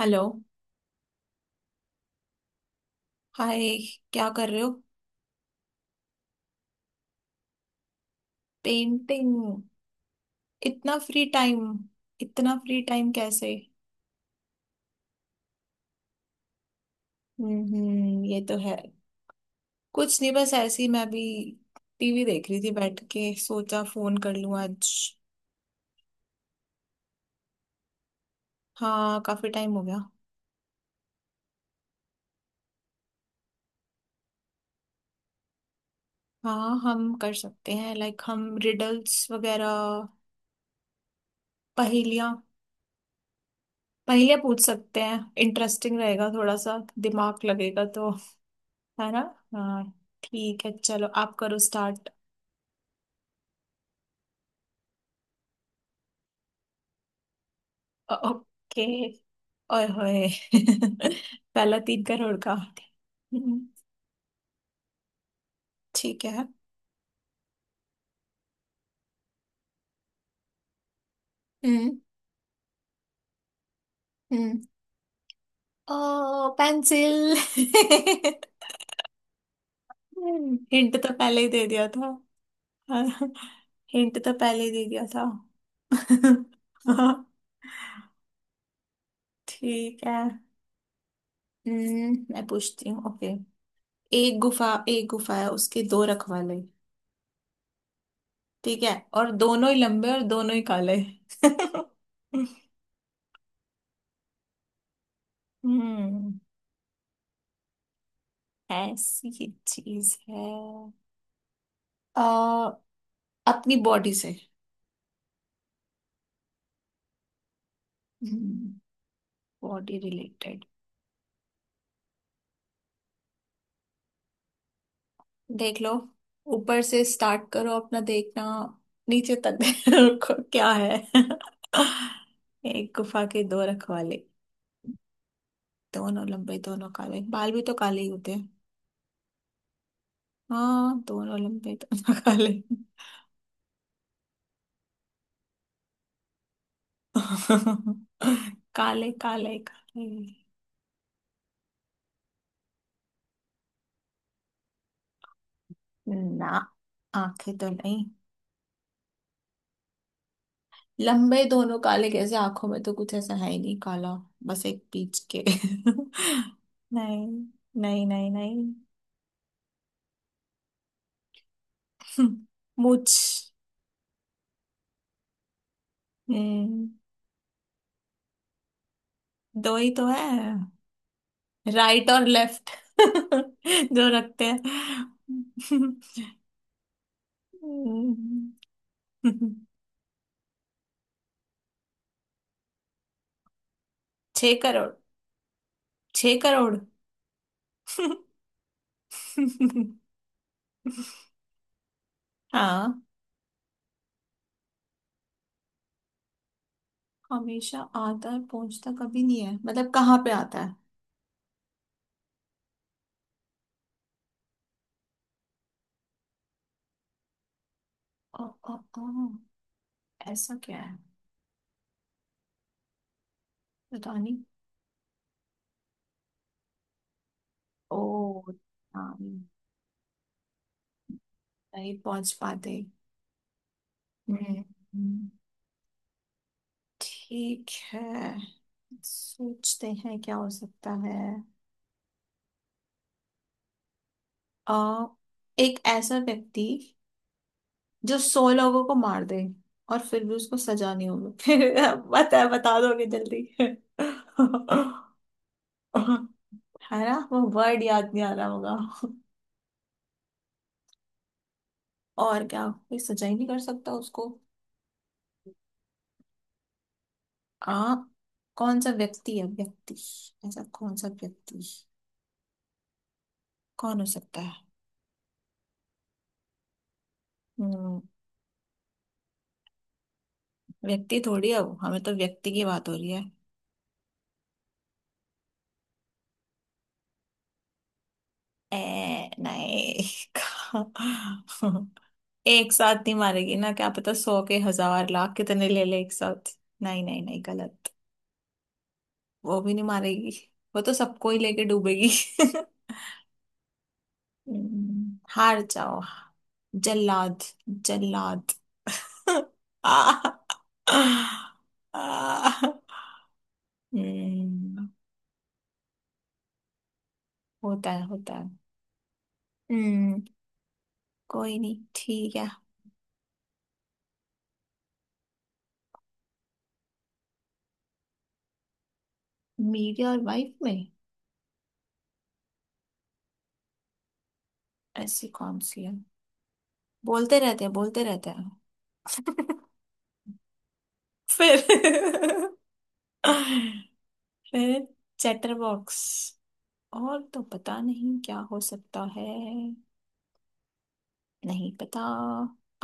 Hello. Hi. क्या कर रहे हो। पेंटिंग। इतना फ्री टाइम। इतना फ्री टाइम कैसे। ये तो है। कुछ नहीं बस ऐसे ही मैं भी टीवी देख रही थी, बैठ के सोचा फोन कर लूं आज। हाँ, काफी टाइम हो गया। हाँ हम कर सकते हैं, लाइक हम रिडल्स वगैरह, पहेलियाँ। पहेलियाँ पूछ सकते हैं, इंटरेस्टिंग रहेगा थोड़ा सा। दिमाग लगेगा तो। है ना। हाँ। ठीक है चलो आप करो स्टार्ट। ओके। ओए होए। पहला 3 करोड़ का। ठीक है। हम्म हम्म। ओ पेंसिल। हिंट तो पहले ही दे दिया था। हाँ। हिंट तो पहले ही दे दिया था। हाँ। ठीक है। हम्म, मैं पूछती हूँ। ओके। एक गुफा, एक गुफा है, उसके दो रखवाले। ठीक है, और दोनों ही लंबे और दोनों ही काले। हम्म। ऐसी चीज है। अ, अपनी बॉडी से। Body related. देख लो, ऊपर से स्टार्ट करो अपना, देखना नीचे तक। देखो क्या है। एक गुफा के दो रखवाले, दोनों लंबे दोनों काले, बाल भी तो काले ही होते हैं। हाँ दोनों लंबे दोनों काले। काले काले काले। ना आंखें तो नहीं। लंबे दोनों काले कैसे, आंखों में तो कुछ ऐसा है ही नहीं काला। बस एक पीच के नहीं। नहीं नहीं नहीं। मुझ। हम्म, दो ही तो है। राइट और लेफ्ट जो रखते हैं। हम्म, 6 करोड़। 6 करोड़। हाँ। हमेशा आता है पहुंचता कभी नहीं है मतलब कहाँ पे आता है। ओ, ओ, ओ, ऐसा क्या है, पता नहीं। ओ नानी। नहीं पहुंच पाते। हम्म, हम्म, ठीक है। सोचते हैं क्या हो सकता है। आ, एक ऐसा व्यक्ति जो 100 लोगों को मार दे और फिर भी उसको सजा नहीं होगी। फिर बता बता दोगे जल्दी। है ना, वो वर्ड याद नहीं आ रहा होगा। और क्या कोई सजा ही नहीं कर सकता उसको। आ कौन सा व्यक्ति है, व्यक्ति। ऐसा कौन सा व्यक्ति। कौन हो सकता है। हम्म। व्यक्ति थोड़ी है वो, हमें तो व्यक्ति की बात हो रही है। ए नहीं। एक साथ नहीं मारेगी ना, क्या पता सौ के हजार लाख कितने ले ले एक साथ। नहीं नहीं नहीं गलत। वो भी नहीं मारेगी। वो तो सबको ही लेके डूबेगी। हार जाओ। जल्लाद। जल्लाद। आ, आ, हम्म। होता है होता है। हम्म। कोई नहीं, ठीक है। मेरी और वाइफ में ऐसी कौन सी है। बोलते रहते हैं बोलते रहते हैं। फिर। फिर चैटर बॉक्स, और तो पता नहीं क्या हो सकता है। नहीं पता।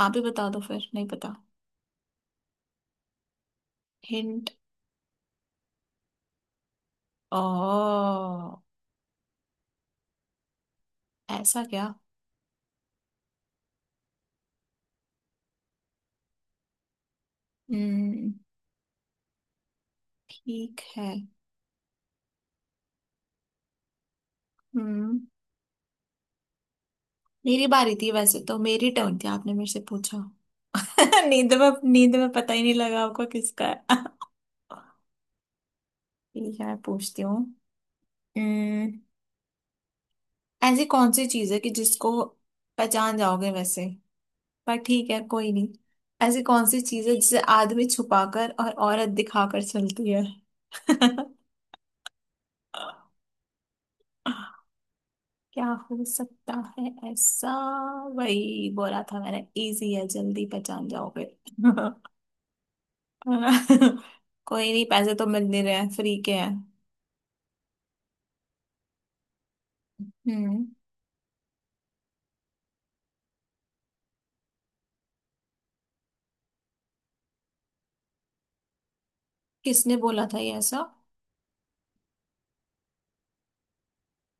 आप ही बता दो फिर, नहीं पता। हिंट। ओ ऐसा क्या। हम्म, ठीक है। हम्म। मेरी बारी थी वैसे तो, मेरी टर्न थी, आपने मेरे से पूछा। नींद में, नींद में पता ही नहीं लगा आपको किसका है। ठीक है, मैं पूछती हूँ। हम्म, ऐसी कौन सी चीज है कि जिसको पहचान जाओगे वैसे, पर ठीक है कोई नहीं। ऐसी कौन सी चीज है जिसे आदमी छुपाकर और औरत दिखाकर चलती है। क्या हो सकता है ऐसा। वही बोला था मैंने, इजी है जल्दी पहचान जाओगे। कोई नहीं, पैसे तो मिल नहीं रहे हैं फ्री के हैं। हम्म। किसने बोला था ये ऐसा।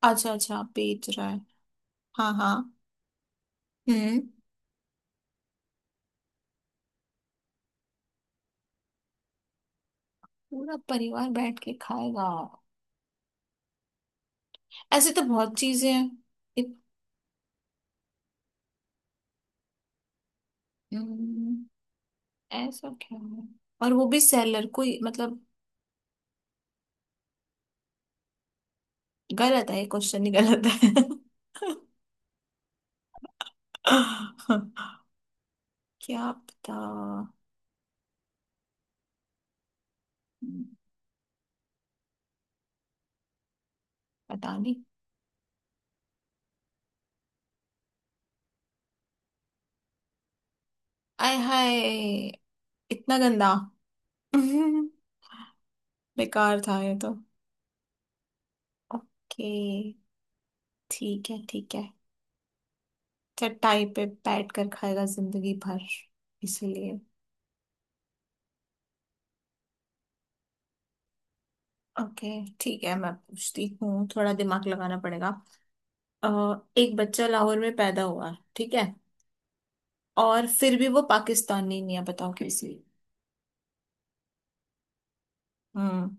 अच्छा, अच्छा बेच रहा है। हाँ हाँ। हम्म। पूरा परिवार बैठ के खाएगा। ऐसे तो बहुत चीजें हैं। इत- हम्म, ऐसा क्या है। और वो भी सेलर कोई, मतलब गलत है, ये क्वेश्चन ही गलत है। क्या पता। पता नहीं। आय हाय, इतना गंदा। बेकार था ये तो। ओके, ठीक है, ठीक है। चटाई पे बैठ कर खाएगा जिंदगी भर, इसलिए। ओके, ठीक है मैं पूछती हूँ, थोड़ा दिमाग लगाना पड़ेगा। अ, एक बच्चा लाहौर में पैदा हुआ, ठीक है, और फिर भी वो पाकिस्तानी नहीं है, बताओ कैसे। हम्म।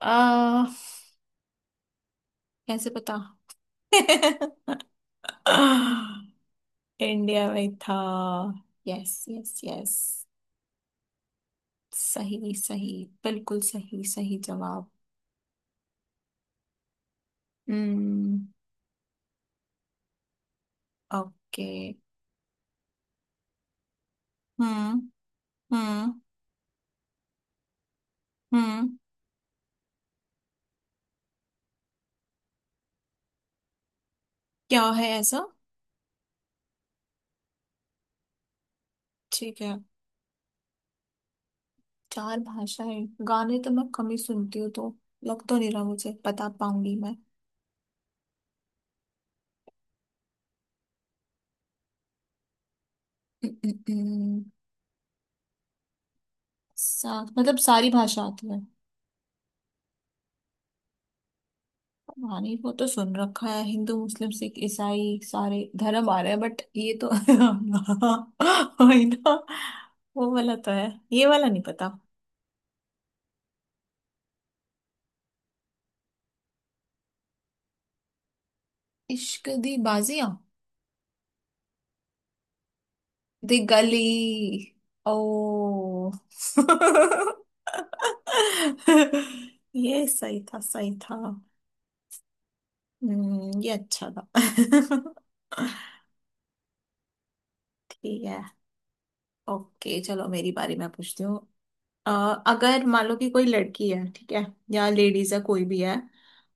आ, कैसे पता। इंडिया में था। Yes yes yes. सही सही। बिल्कुल सही सही जवाब। हम्म। ओके। हम्म हम्म हम्म। क्या है ऐसा। ठीक है, चार भाषाएं गाने तो मैं कम ही सुनती हूँ तो लग तो नहीं रहा मुझे बता पाऊंगी। मैं मतलब सारी भाषा आती है, पता नहीं। वो तो सुन रखा है हिंदू मुस्लिम सिख ईसाई सारे धर्म आ रहे हैं, बट ये तो वही ना। वो वाला तो है, ये वाला नहीं पता। इश्क दी बाजियां। दी गली। ओ। ये सही था सही था। हम्म, ये अच्छा था। ठीक है। ओके चलो, मेरी बारी, मैं पूछती हूँ। अ, अगर मान लो कि कोई लड़की है, ठीक है, या लेडीज है कोई भी है,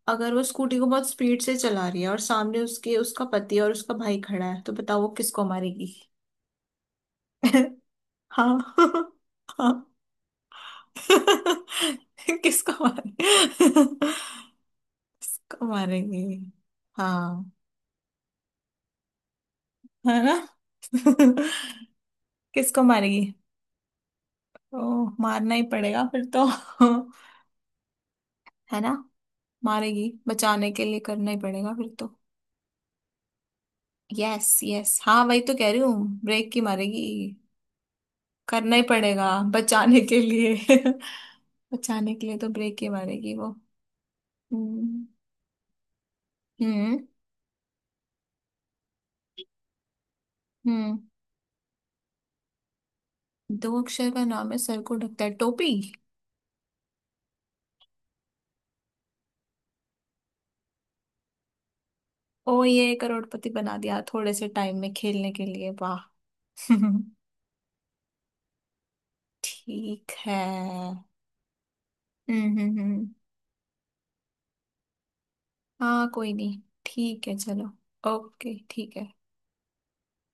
अगर वो स्कूटी को बहुत स्पीड से चला रही है और सामने उसके उसका पति और उसका भाई खड़ा है तो बताओ वो किसको मारेगी। हाँ। हाँ। किसको मारे। किसको मारेगी। हाँ, है ना। किसको मारेगी। तो मारना ही पड़ेगा फिर तो। है ना। मारेगी, बचाने के लिए करना ही पड़ेगा फिर तो। Yes yes. हाँ वही तो कह रही हूँ, ब्रेक की मारेगी। करना ही पड़ेगा बचाने के लिए। बचाने के लिए तो ब्रेक ही मारेगी वो। हम्म हम्म हम्म। दो अक्षर का नाम है, सर को ढकता है, टोपी। ओ ये करोड़पति बना दिया थोड़े से टाइम में खेलने के लिए, वाह। ठीक है। हम्म। हाँ कोई नहीं, ठीक है चलो। ओके ठीक है।